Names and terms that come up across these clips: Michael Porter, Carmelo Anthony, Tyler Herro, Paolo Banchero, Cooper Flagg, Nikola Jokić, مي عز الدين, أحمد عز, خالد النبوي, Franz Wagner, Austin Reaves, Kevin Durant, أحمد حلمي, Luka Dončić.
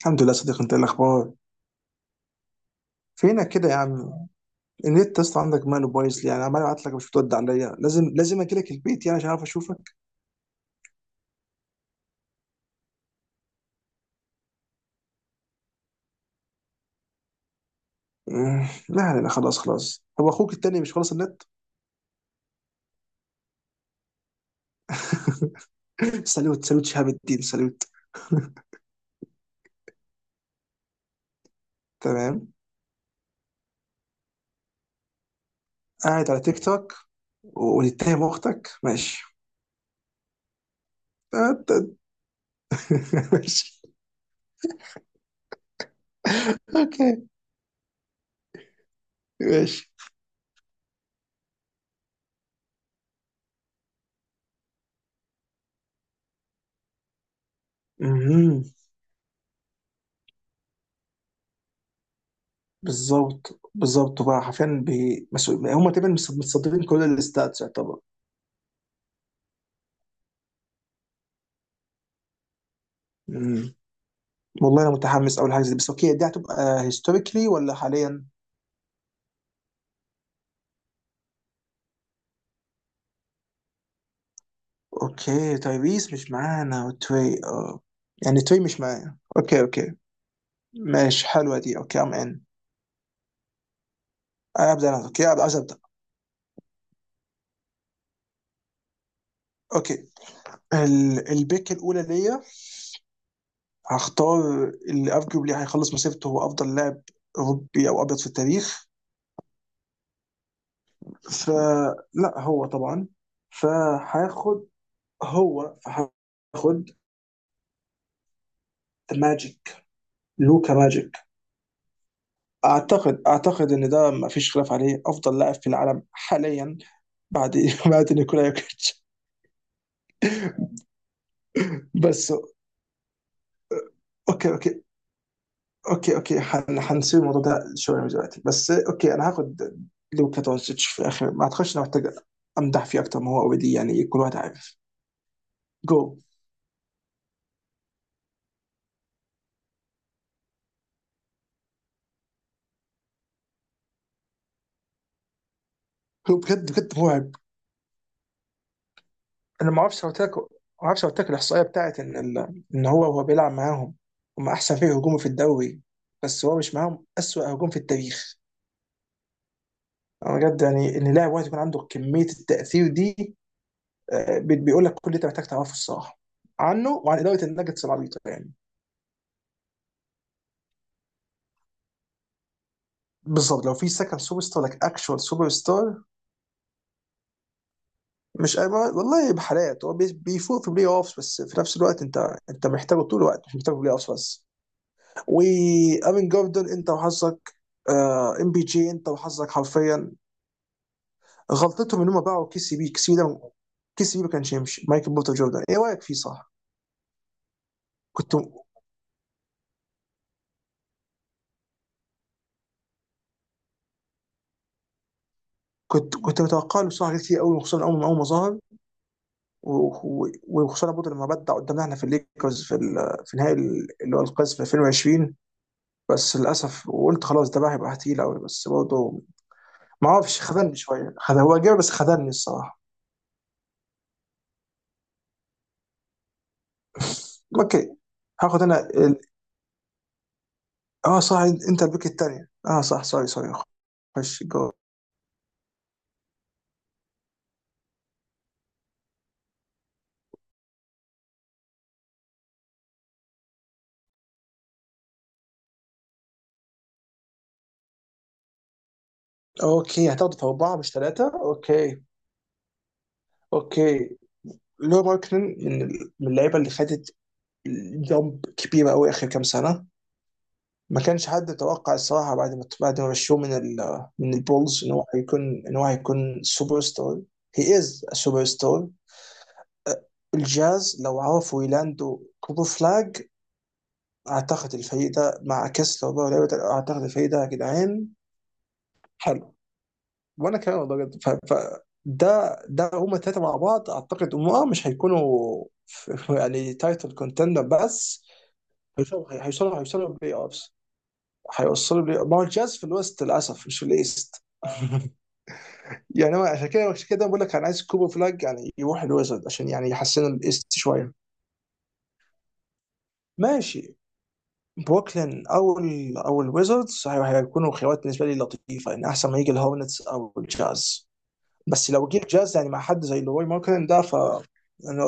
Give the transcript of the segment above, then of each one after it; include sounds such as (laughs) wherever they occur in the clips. الحمد لله صديق. انت ايه الاخبار؟ فينك كده يا عم؟ النت اصلا عندك ماله بايظ لي يعني، عمال ابعت لك مش بترد عليا. لازم اجي لك البيت يعني عشان اعرف اشوفك. لا لا، خلاص خلاص، هو اخوك التاني مش خلاص النت؟ (coughs) (laughs) سالوت سالوت شهاب الدين سالوت. تمام. قاعد على تيك توك ونتهم اختك، ماشي. (laughs) ماشي. اوكي، ماشي. مهم. بالظبط بالظبط، بقى حرفيا بمسؤول، هم تقريبا متصدرين كل الاستاتس يعتبر. والله انا متحمس اول حاجه زي دي، بس اوكي، دي هتبقى هيستوريكلي ولا حاليا؟ اوكي، تايريس مش معانا وتري، اه. يعني تري مش معانا، اوكي اوكي. ماشي، حلوه دي. اوكي، ام ان، ابدا. انا اوكي، عايز ابدا. اوكي. البيك الاولى ليا. هختار اللي ارجوبلي هيخلص مسيرته، هو افضل لاعب اوروبي او ابيض في التاريخ. فلا هو طبعا. فهاخد، هو فهاخد، ذا ماجيك، لوكا ماجيك. اعتقد ان ده ما فيش خلاف عليه افضل لاعب في العالم حاليا، بعد (laughs) بعد نيكولا يوكيتش. بس. اوكي اوكي اوكي اوكي، هنسيب الموضوع ده شويه من دلوقتي. بس اوكي، انا هاخد لوكا دونتش في اخر، ما اعتقدش إن أنا محتاج امدح فيه اكتر ما هو اوريدي، يعني كل واحد عارف. جو، هو بجد بجد مرعب. انا ما اعرفش هوتاك، ما اعرفش هوتاك الاحصائيه بتاعت ان ان هو، وهو بيلعب معاهم هم احسن فريق هجومي في الدوري، بس هو مش معاهم اسوأ هجوم في التاريخ. أنا بجد يعني ان لاعب واحد يكون عنده كميه التاثير دي. بيقول لك كل اللي انت محتاج تعرفه الصراحه عنه، وعن اداره النجتس العبيطه يعني. بالظبط، لو في سكند سوبر ستار لك، اكشوال سوبر ستار. مش أي- والله بحالات هو بيفوق في بلاي اوفس، بس في نفس الوقت انت انت محتاجه طول الوقت مش محتاجه في بلاي اوفس بس. وامين جوردن انت وحظك. ام بي جي انت وحظك حرفيا. غلطتهم ان هم باعوا كي سي بي. كي سي بي ده، كي سي بي، ما كانش يمشي. مايكل بورتر جوردن ايه رايك فيه، صح؟ كنت كنت متوقع له بصراحه حاجات كتير قوي، وخصوصا اول ما ظهر. وخصوصا برضه لما بدع قدامنا احنا في الليكرز في في نهائي اللي هو القاس في 2020. بس للاسف، وقلت خلاص ده بقى هيبقى تقيل قوي، بس برضه ما اعرفش، خذلني شويه، خذ هو جاب بس خذلني الصراحه. اوكي، هاخد انا ال... اه صح. انت البيك الثانيه، اه صح، سوري سوري. خش جو. اوكي، هتاخد في اربعه مش ثلاثه، اوكي. اوكي. لو ماركنن من من اللعيبه اللي خدت جامب كبيره قوي اخر كام سنه. ما كانش حد يتوقع الصراحه، بعد ما مشوه من من البولز ان هو هيكون، ان هو هيكون سوبر ستار. هي از سوبر ستار. الجاز لو عرفوا يلاندوا كوبر فلاج، اعتقد الفريق ده مع كسلر بقى، اعتقد الفريق ده يا جدعان حلو. وانا كمان والله جد. ده ده هما الثلاثه مع بعض، اعتقد هم اه مش هيكونوا يعني تايتل كونتندر، بس هيوصلوا بلاي اوفس. هيوصلوا، لي ما هو الجاز في الويست للاسف مش في الايست. (laughs) يعني هو عشان كده، عشان كده بقول لك انا عايز كوبر فلاج يعني يروح الويزرد، عشان يعني يحسنوا الايست شويه. ماشي. بروكلين او الويزردز هيكونوا خيارات بالنسبه لي لطيفه، يعني احسن ما يجي الهورنتس او الجاز. بس لو جه الجاز يعني مع حد زي لوي ماركلين ده، ف يعني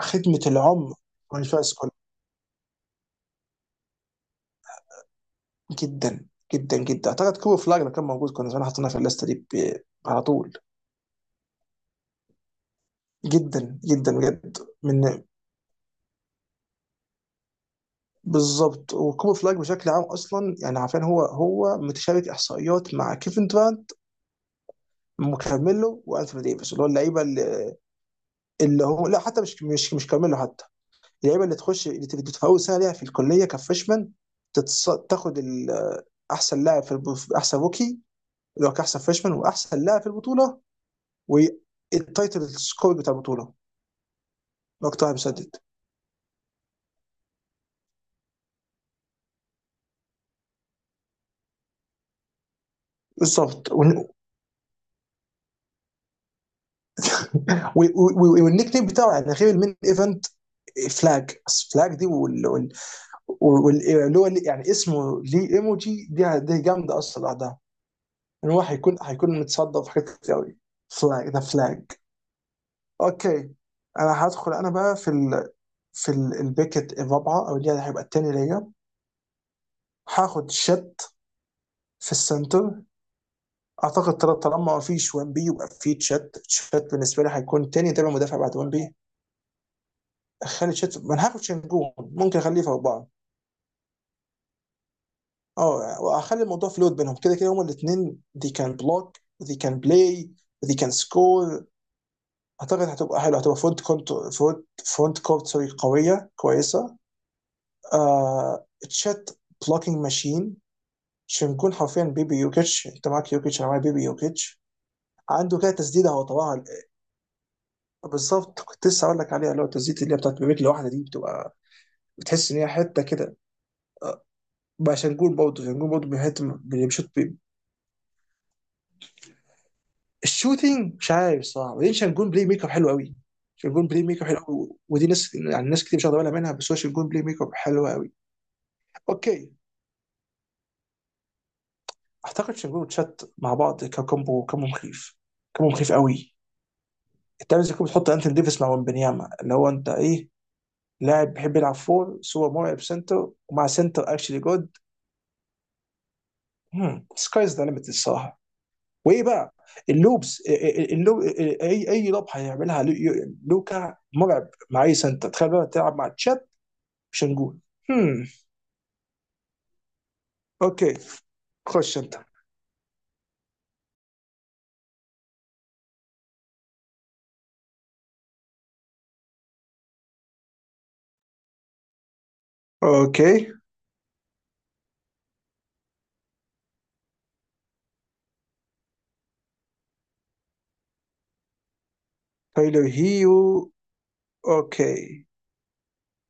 خدمه العمر. كونفاس، جدا جدا جدا. اعتقد كوبر فلاج لو كان موجود كنا زمان حطيناه في الليسته دي على طول. جدا جدا بجد. من بالظبط. وكوبر فلاج بشكل عام اصلا يعني عارفين، هو هو متشارك احصائيات مع كيفن دورانت وكارميلو وانثوني ديفيس، اللي هو اللعيبه اللي هو، لا حتى مش كارميلو حتى. اللعيبه اللي تخش، اللي تبقى في اول سنه ليها في الكليه كفريشمان، تاخد احسن لاعب في احسن روكي، اللي هو كاحسن فريشمان واحسن لاعب في البطوله، والتايتل سكور بتاع البطوله، اكتر واحد مسدد بالظبط. (laughs) (applause) والنيك نيم بتاعه يعني غير المين ايفنت فلاج، فلاج دي واللي هو يعني اسمه ليه ايموجي دي، دي جامده اصلا لوحدها. ان هو هيكون، هيكون متصدر في حاجات كتير قوي. فلاج ده فلاج. اوكي. انا هدخل انا بقى في ال... في البيكت الرابعه، او اللي هيبقى التاني ليا. هاخد شت في السنتر. اعتقد طالما ما فيش 1 بي يبقى في تشات، تشات بالنسبه لي هيكون تاني تابع مدافع بعد 1 بي. اخلي تشات، ما انا هاخد شنجون ممكن اخليه في اربعه. اه واخلي الموضوع فلويد بينهم، كده كده هما الاثنين، دي كان بلوك ودي كان بلاي ودي كان سكور. اعتقد هتبقى حلوه، هتبقى فرونت كونت، فرونت كورت سوري، قويه كويسه. آه تشات، بلوكينج ماشين. شنجون حرفيا بيبي يوكيتش. انت معاك يوكيتش، انا معايا بيبي يوكيتش. عنده كده تسديده هو طبعا. بالظبط، كنت لسه هقول لك عليها، اللي هو التسديده اللي هي بتاعت برجل واحده دي، بتبقى بتحس ان هي حته كده. بقى شنجون برضه، شنجون برضه بيحط بيشوط. الشوتينج مش عارف الصراحه. وبعدين شانجون بلاي ميك اب حلو قوي، شانجون بلاي ميك اب حلو قوي، ودي ناس يعني ناس كتير مش واخده بالها منها، بس هو شانجون بلاي ميك اب حلو قوي. اوكي. اعتقد شانجون وتشات مع بعض ككومبو، كومبو مخيف، كومبو مخيف قوي. انت عايز تكون بتحط انتون ديفيس مع ومبنياما، اللي هو انت ايه، لاعب بيحب يلعب فور سوى مرعب سنتر، ومع سنتر اكشلي جود. سكايز ذا ليميت الصراحه. وايه بقى؟ اللوبس، اي اي لوب هيعملها. لوكا مرعب مع اي سنتر، تخيل بقى تلعب مع تشات. مش هنقول. هم. اوكي، خش انت. اوكي، تايلر هيو، اوكي.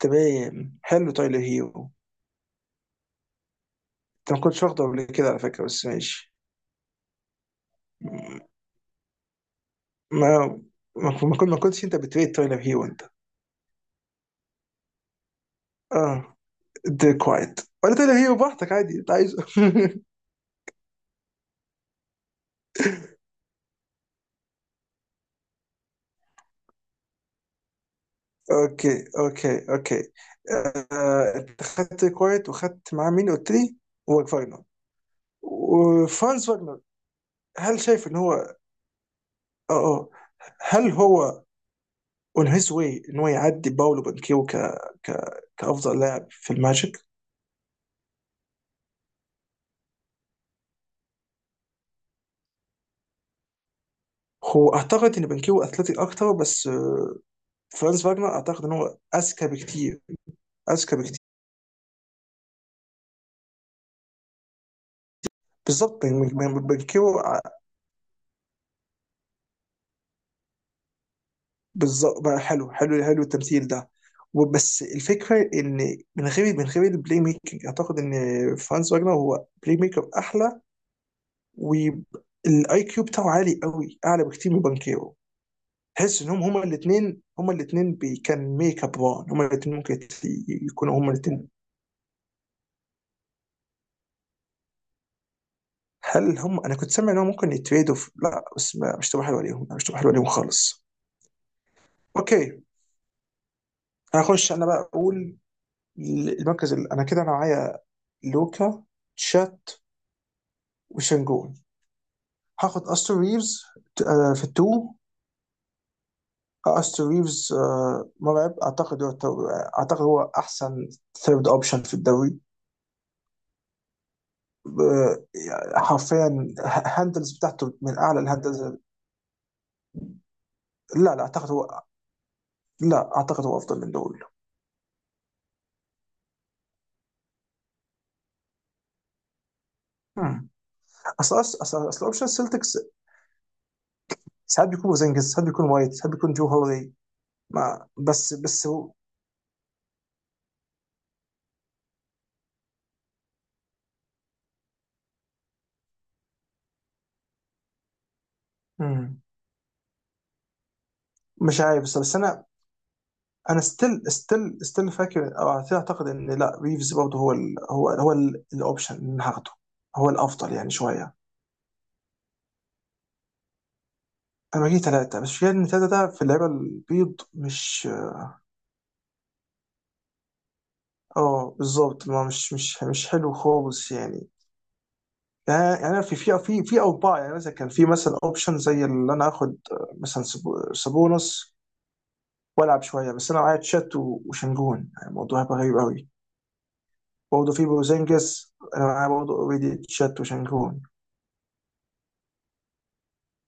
تمام، حلو تايلر هيو. انت ما كنتش واخده قبل كده على فكره، بس ماشي. ما ما كنتش انت بتريد تايلر هيو انت؟ اه. دي كوايت ولا تايلر هيو، براحتك، عادي انت عايزه. (laughs) اوكي اوكي اوكي. انت خدت كوايت وخدت معاه مين قلت لي؟ وفاجنر، وفرانز فاجنر. هل شايف ان هو اه، اه، هل هو اون هيز واي ان هو يعدي باولو بانكيو كافضل لاعب في الماجيك؟ هو اعتقد ان بانكيو اثليتيك اكتر، بس فرانز فاجنر اعتقد ان هو اذكى بكتير، اذكى بكتير. بالظبط يعني بانكيو بالظبط بقى، حلو حلو حلو التمثيل ده. وبس الفكره ان من غير البلاي ميكنج، اعتقد ان فرانز فاجنر هو بلاي ميكر احلى، والاي كيو بتاعه عالي قوي، اعلى بكتير من بانكيو. تحس انهم هما الاثنين، هما الاثنين كان ميك اب وان، هما الاثنين ممكن يكونوا هما الاثنين. هل هم انا كنت سامع انهم ممكن يتريدوا في... لا بس مش تبقى حلوه عليهم، مش تبقى حلوه عليهم خالص. اوكي. هخش انا بقى اقول المركز ال... انا كده انا معايا لوكا، تشات، وشنجون. هاخد استر ريفز، في التو. استر ريفز مرعب. اعتقد هو اعتقد هو احسن ثيرد اوبشن في الدوري. يعني حرفيا هاندلز بتاعته من اعلى الهاندلز. لا لا، اعتقد هو، لا اعتقد هو افضل من دول. هم. اصل اصل اصل أصل اوبشن السلتكس ساعات بيكون بوزنجز، ساعات بيكون وايت، ساعات بيكون جو هولي. ما بس، بس هو، مم. مش عارف، بس انا، انا ستيل فاكر او اعتقد ان لا، ريفز برضه هو ال، هو هو الاوبشن اللي هاخده هو الافضل يعني شويه. انا بجيب ثلاثه، بس في ان ثلاثه ده في اللعيبه البيض مش، اه بالظبط، ما مش حلو خالص يعني. يعني يعني في اوضاع يعني مثلا، كان في مثلا اوبشن زي اللي انا اخد، مثلا سابونس والعب شويه، بس انا معايا تشات وشنجون، يعني الموضوع هيبقى غريب قوي. برضه في بوزينجس انا معايا برضه اوريدي تشات وشنجون.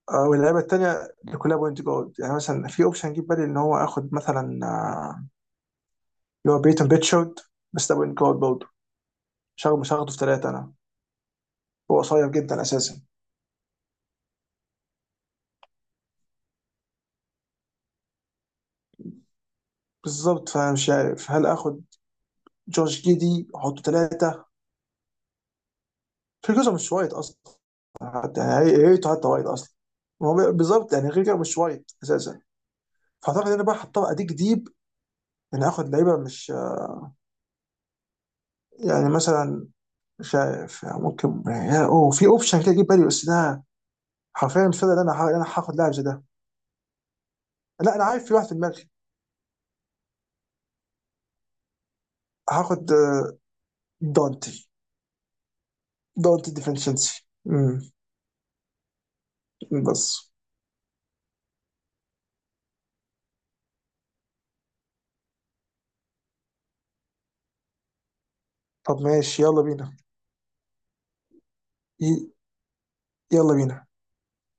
واللعيبه التانيه اللي كلها بوينت جارد، يعني مثلا في اوبشن جه في بالي ان هو اخد مثلا، اللي هو بيتون بيتشارد، بس ده بوينت جارد برضه. مش هاخده مش هاخده في ثلاثه انا، هو قصير جدا اساسا. بالظبط، فانا مش عارف هل اخد جورج جيدي حطوا ثلاثه. فيرجسون مش وايد اصلا حتى، يعني هيته حتى وايد اصلا. هو بالظبط يعني غير كده مش وايد اساسا. فاعتقد انا بقى هضطر اديك ديب ان اخد لعيبه مش يعني مثلا، مش عارف يعني ممكن يعني اوه، في اوبشن كده اجيب بالي، بس ده حرفيا مش فاضي إن انا إن انا هاخد لاعب زي ده. لا انا عارف، في واحد في دماغي. هاخد دونتي، دونتي ديفنشنسي. امم، بس. طب ماشي، يلا بينا. ي- يلا بينا.